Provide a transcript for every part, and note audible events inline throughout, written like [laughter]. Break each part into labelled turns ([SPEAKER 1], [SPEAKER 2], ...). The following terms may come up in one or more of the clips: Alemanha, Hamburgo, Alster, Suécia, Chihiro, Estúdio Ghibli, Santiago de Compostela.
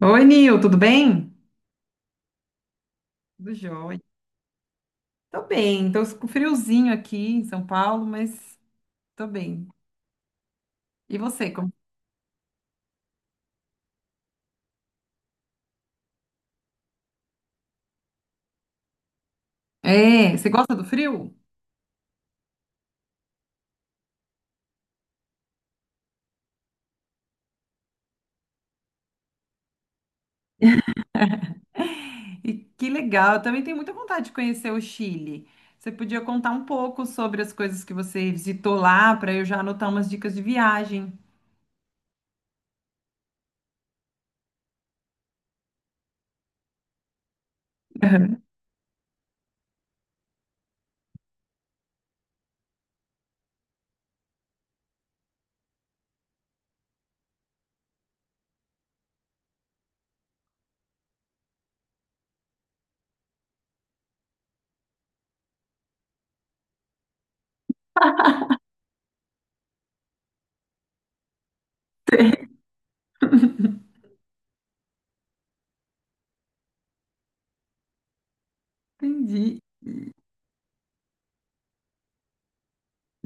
[SPEAKER 1] Oi, Nil, tudo bem? Tudo jóia. Tô bem, tô com friozinho aqui em São Paulo, mas tô bem. E você, como... É, você gosta do frio? E que legal, eu também tenho muita vontade de conhecer o Chile. Você podia contar um pouco sobre as coisas que você visitou lá, para eu já anotar umas dicas de viagem. Entendi.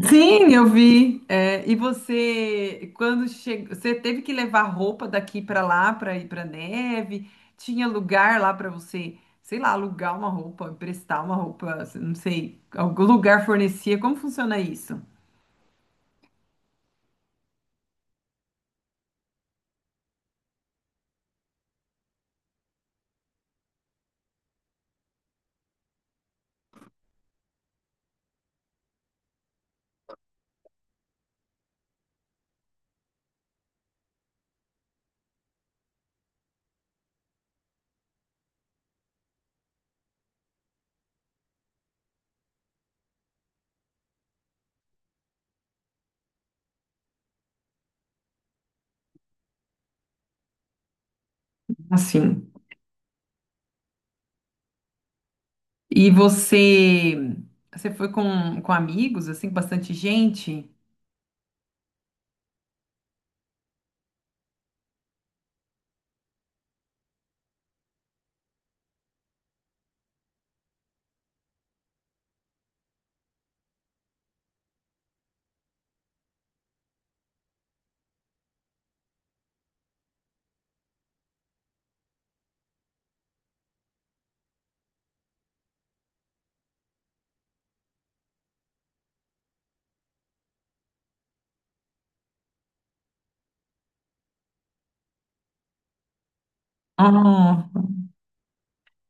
[SPEAKER 1] Sim, eu vi. É, e você, quando chegou, você teve que levar roupa daqui para lá para ir para neve? Tinha lugar lá para você, sei lá, alugar uma roupa, emprestar uma roupa, não sei, algum lugar fornecia. Como funciona isso? Assim. E você, você foi com amigos, assim, com bastante gente? Ah,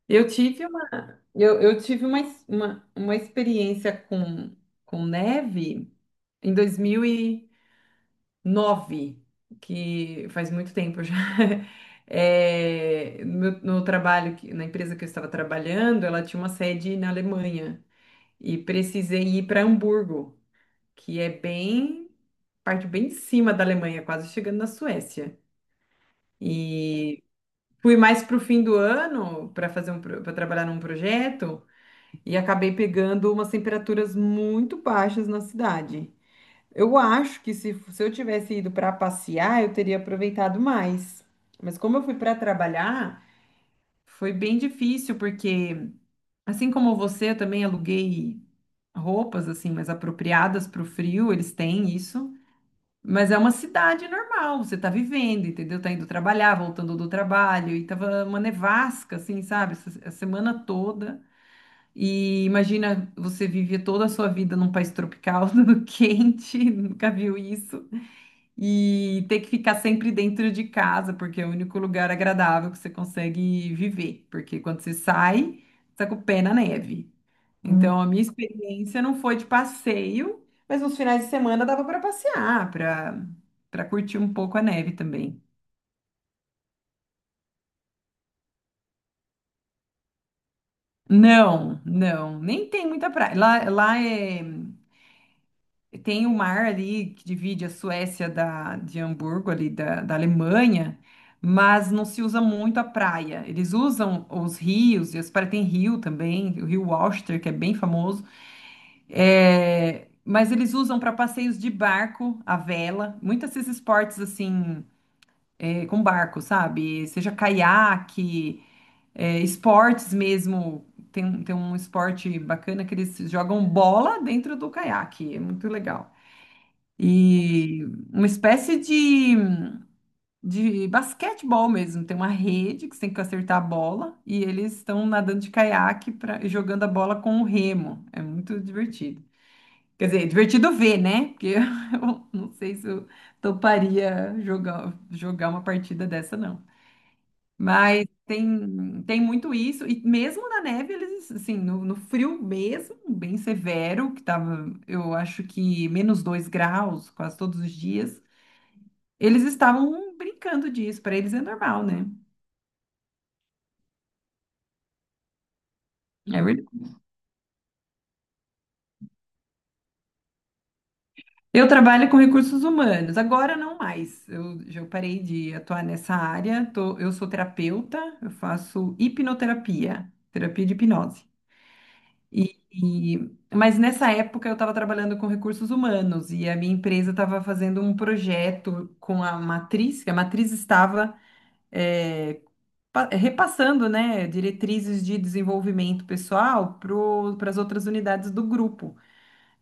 [SPEAKER 1] eu tive uma experiência com neve em 2009, que faz muito tempo já. [laughs] É, no, meu- no trabalho, que- na empresa que eu estava trabalhando, ela tinha uma sede na Alemanha e precisei ir para Hamburgo, que é bem, parte bem em cima da Alemanha, quase chegando na Suécia. E fui mais para o fim do ano para fazer um, para trabalhar num projeto e acabei pegando umas temperaturas muito baixas na cidade. Eu acho que se eu tivesse ido para passear, eu teria aproveitado mais. Mas como eu fui para trabalhar, foi bem difícil, porque assim como você, eu também aluguei roupas assim mais apropriadas para o frio, eles têm isso. Mas é uma cidade normal, você tá vivendo, entendeu? Tá indo trabalhar, voltando do trabalho, e tava uma nevasca, assim, sabe? Essa- A semana toda. E imagina, você vive toda a sua vida num país tropical, [laughs] tudo quente, nunca viu isso e ter que ficar sempre dentro de casa, porque é o único lugar agradável que você consegue viver, porque quando você sai, tá com o pé na neve. Hum. Então, a minha experiência não foi de passeio, mas nos finais de semana dava para passear, para curtir um pouco a neve também. Não, não, nem tem muita praia. Lá, lá é. E tem o mar ali que divide a Suécia da, de Hamburgo, ali da, da Alemanha, mas não se usa muito a praia. Eles usam os rios, e as praias tem rio também, o rio Alster, que é bem famoso. É, mas eles usam para passeios de barco, a vela, muitos desses esportes assim, é, com barco, sabe? Seja caiaque, é, esportes mesmo. Tem um esporte bacana que eles jogam bola dentro do caiaque, é muito legal. E uma espécie de basquetebol mesmo. Tem uma rede que você tem que acertar a bola e eles estão nadando de caiaque pra, e jogando a bola com o remo. É muito divertido. Quer dizer, é divertido ver, né? Porque [laughs] eu não sei se eu toparia jogar, jogar uma partida dessa, não. Mas tem muito isso. E mesmo na neve, eles, assim, no, no frio mesmo, bem severo, que tava, eu acho que menos 2 graus quase todos os dias. Eles estavam brincando disso, para eles é normal, né? É verdade. Eu trabalho com recursos humanos, agora não mais. Eu já parei de atuar nessa área. Tô- eu sou terapeuta, eu faço hipnoterapia, terapia de hipnose. E- mas nessa época eu estava trabalhando com recursos humanos e a minha empresa estava fazendo um projeto com a matriz, que a matriz estava eh, pa- repassando, né, diretrizes de desenvolvimento pessoal para as outras unidades do grupo.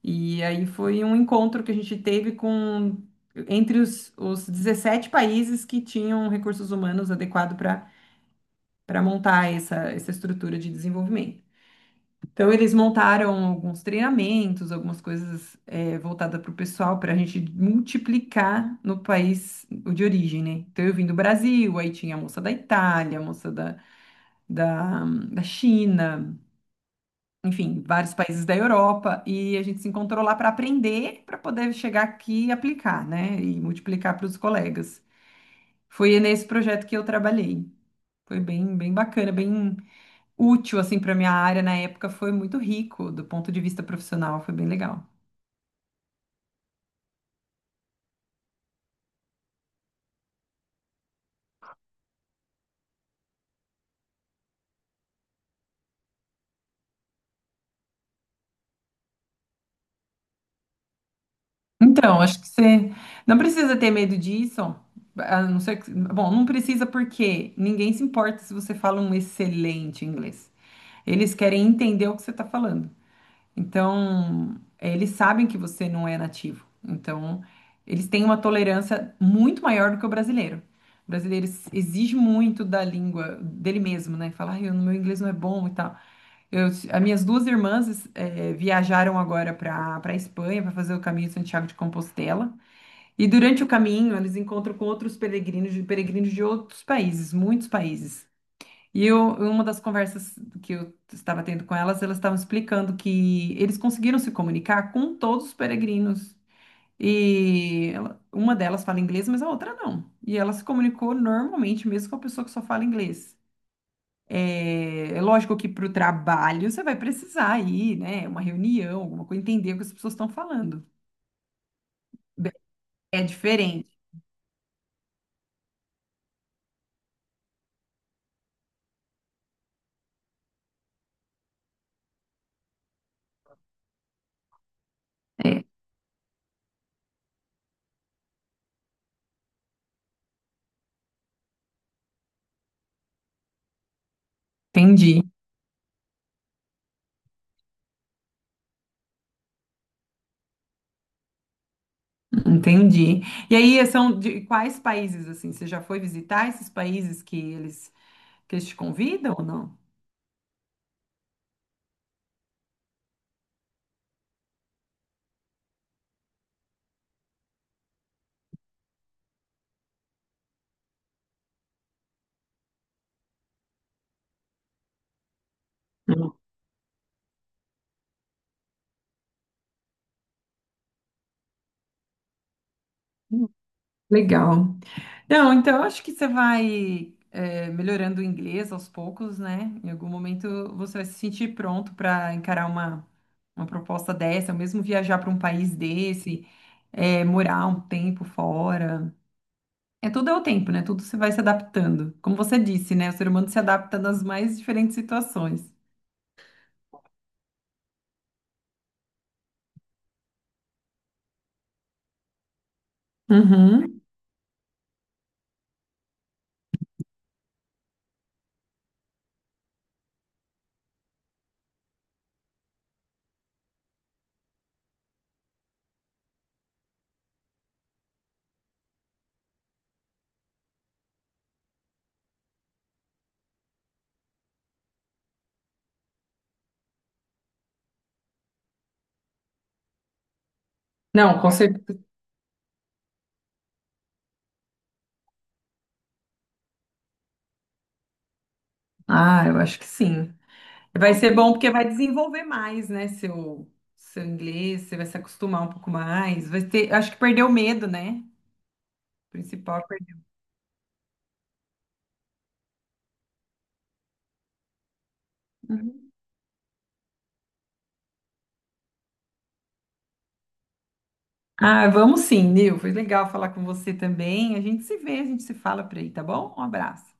[SPEAKER 1] E aí foi um encontro que a gente teve com entre os 17 países que tinham recursos humanos adequado para montar essa, essa estrutura de desenvolvimento. Então, eles montaram alguns treinamentos, algumas coisas é, voltadas para o pessoal, para a gente multiplicar no país o de origem, né? Então, eu vim do Brasil, aí tinha a moça da Itália, a moça da China, enfim, vários países da Europa, e a gente se encontrou lá para aprender, para poder chegar aqui e aplicar, né? E multiplicar para os colegas. Foi nesse projeto que eu trabalhei. Foi bem, bem bacana, bem útil, assim, para minha área na época. Foi muito rico do ponto de vista profissional, foi bem legal. Então, acho que você não precisa ter medo disso. A não ser que... Bom, não precisa porque ninguém se importa se você fala um excelente inglês. Eles querem entender o que você está falando. Então, eles sabem que você não é nativo. Então, eles têm uma tolerância muito maior do que o brasileiro. O brasileiro ex- exige muito da língua dele mesmo, né? Fala, ai, o meu inglês não é bom e tal. Eu, as minhas duas irmãs viajaram agora para Espanha para fazer o caminho de Santiago de Compostela. E durante o caminho, eles encontram com outros peregrinos de outros países, muitos países. E eu, uma das conversas que eu estava tendo com elas, elas estavam explicando que eles conseguiram se comunicar com todos os peregrinos. E ela- uma delas fala inglês, mas a outra não. E ela se comunicou normalmente, mesmo com a pessoa que só fala inglês. É, é lógico que para o trabalho você vai precisar ir, né? Uma reunião, alguma coisa, entender o que as pessoas estão falando. Be- é diferente. É, entendi, entendi. E aí, são de quais países, assim? Você já foi visitar esses países que eles. Que eles te convidam ou não? Hum. Legal. Não, então eu acho que você vai é, melhorando o inglês aos poucos, né? Em algum momento você vai se sentir pronto para encarar uma proposta dessa, ou mesmo viajar para um país desse, é, morar um tempo fora. É tudo é o tempo, né? Tudo você vai se adaptando. Como você disse, né? O ser humano se adapta nas mais diferentes situações. Uhum. Não, com certeza. Ah, eu acho que sim. Vai ser bom porque vai desenvolver mais, né? Seu, seu inglês, você vai se acostumar um pouco mais. Vai ter, acho que perdeu o medo, né? O principal. É per- Uhum. Ah, vamos sim, Nil. Foi legal falar com você também. A gente se vê, a gente se fala por aí, tá bom? Um abraço.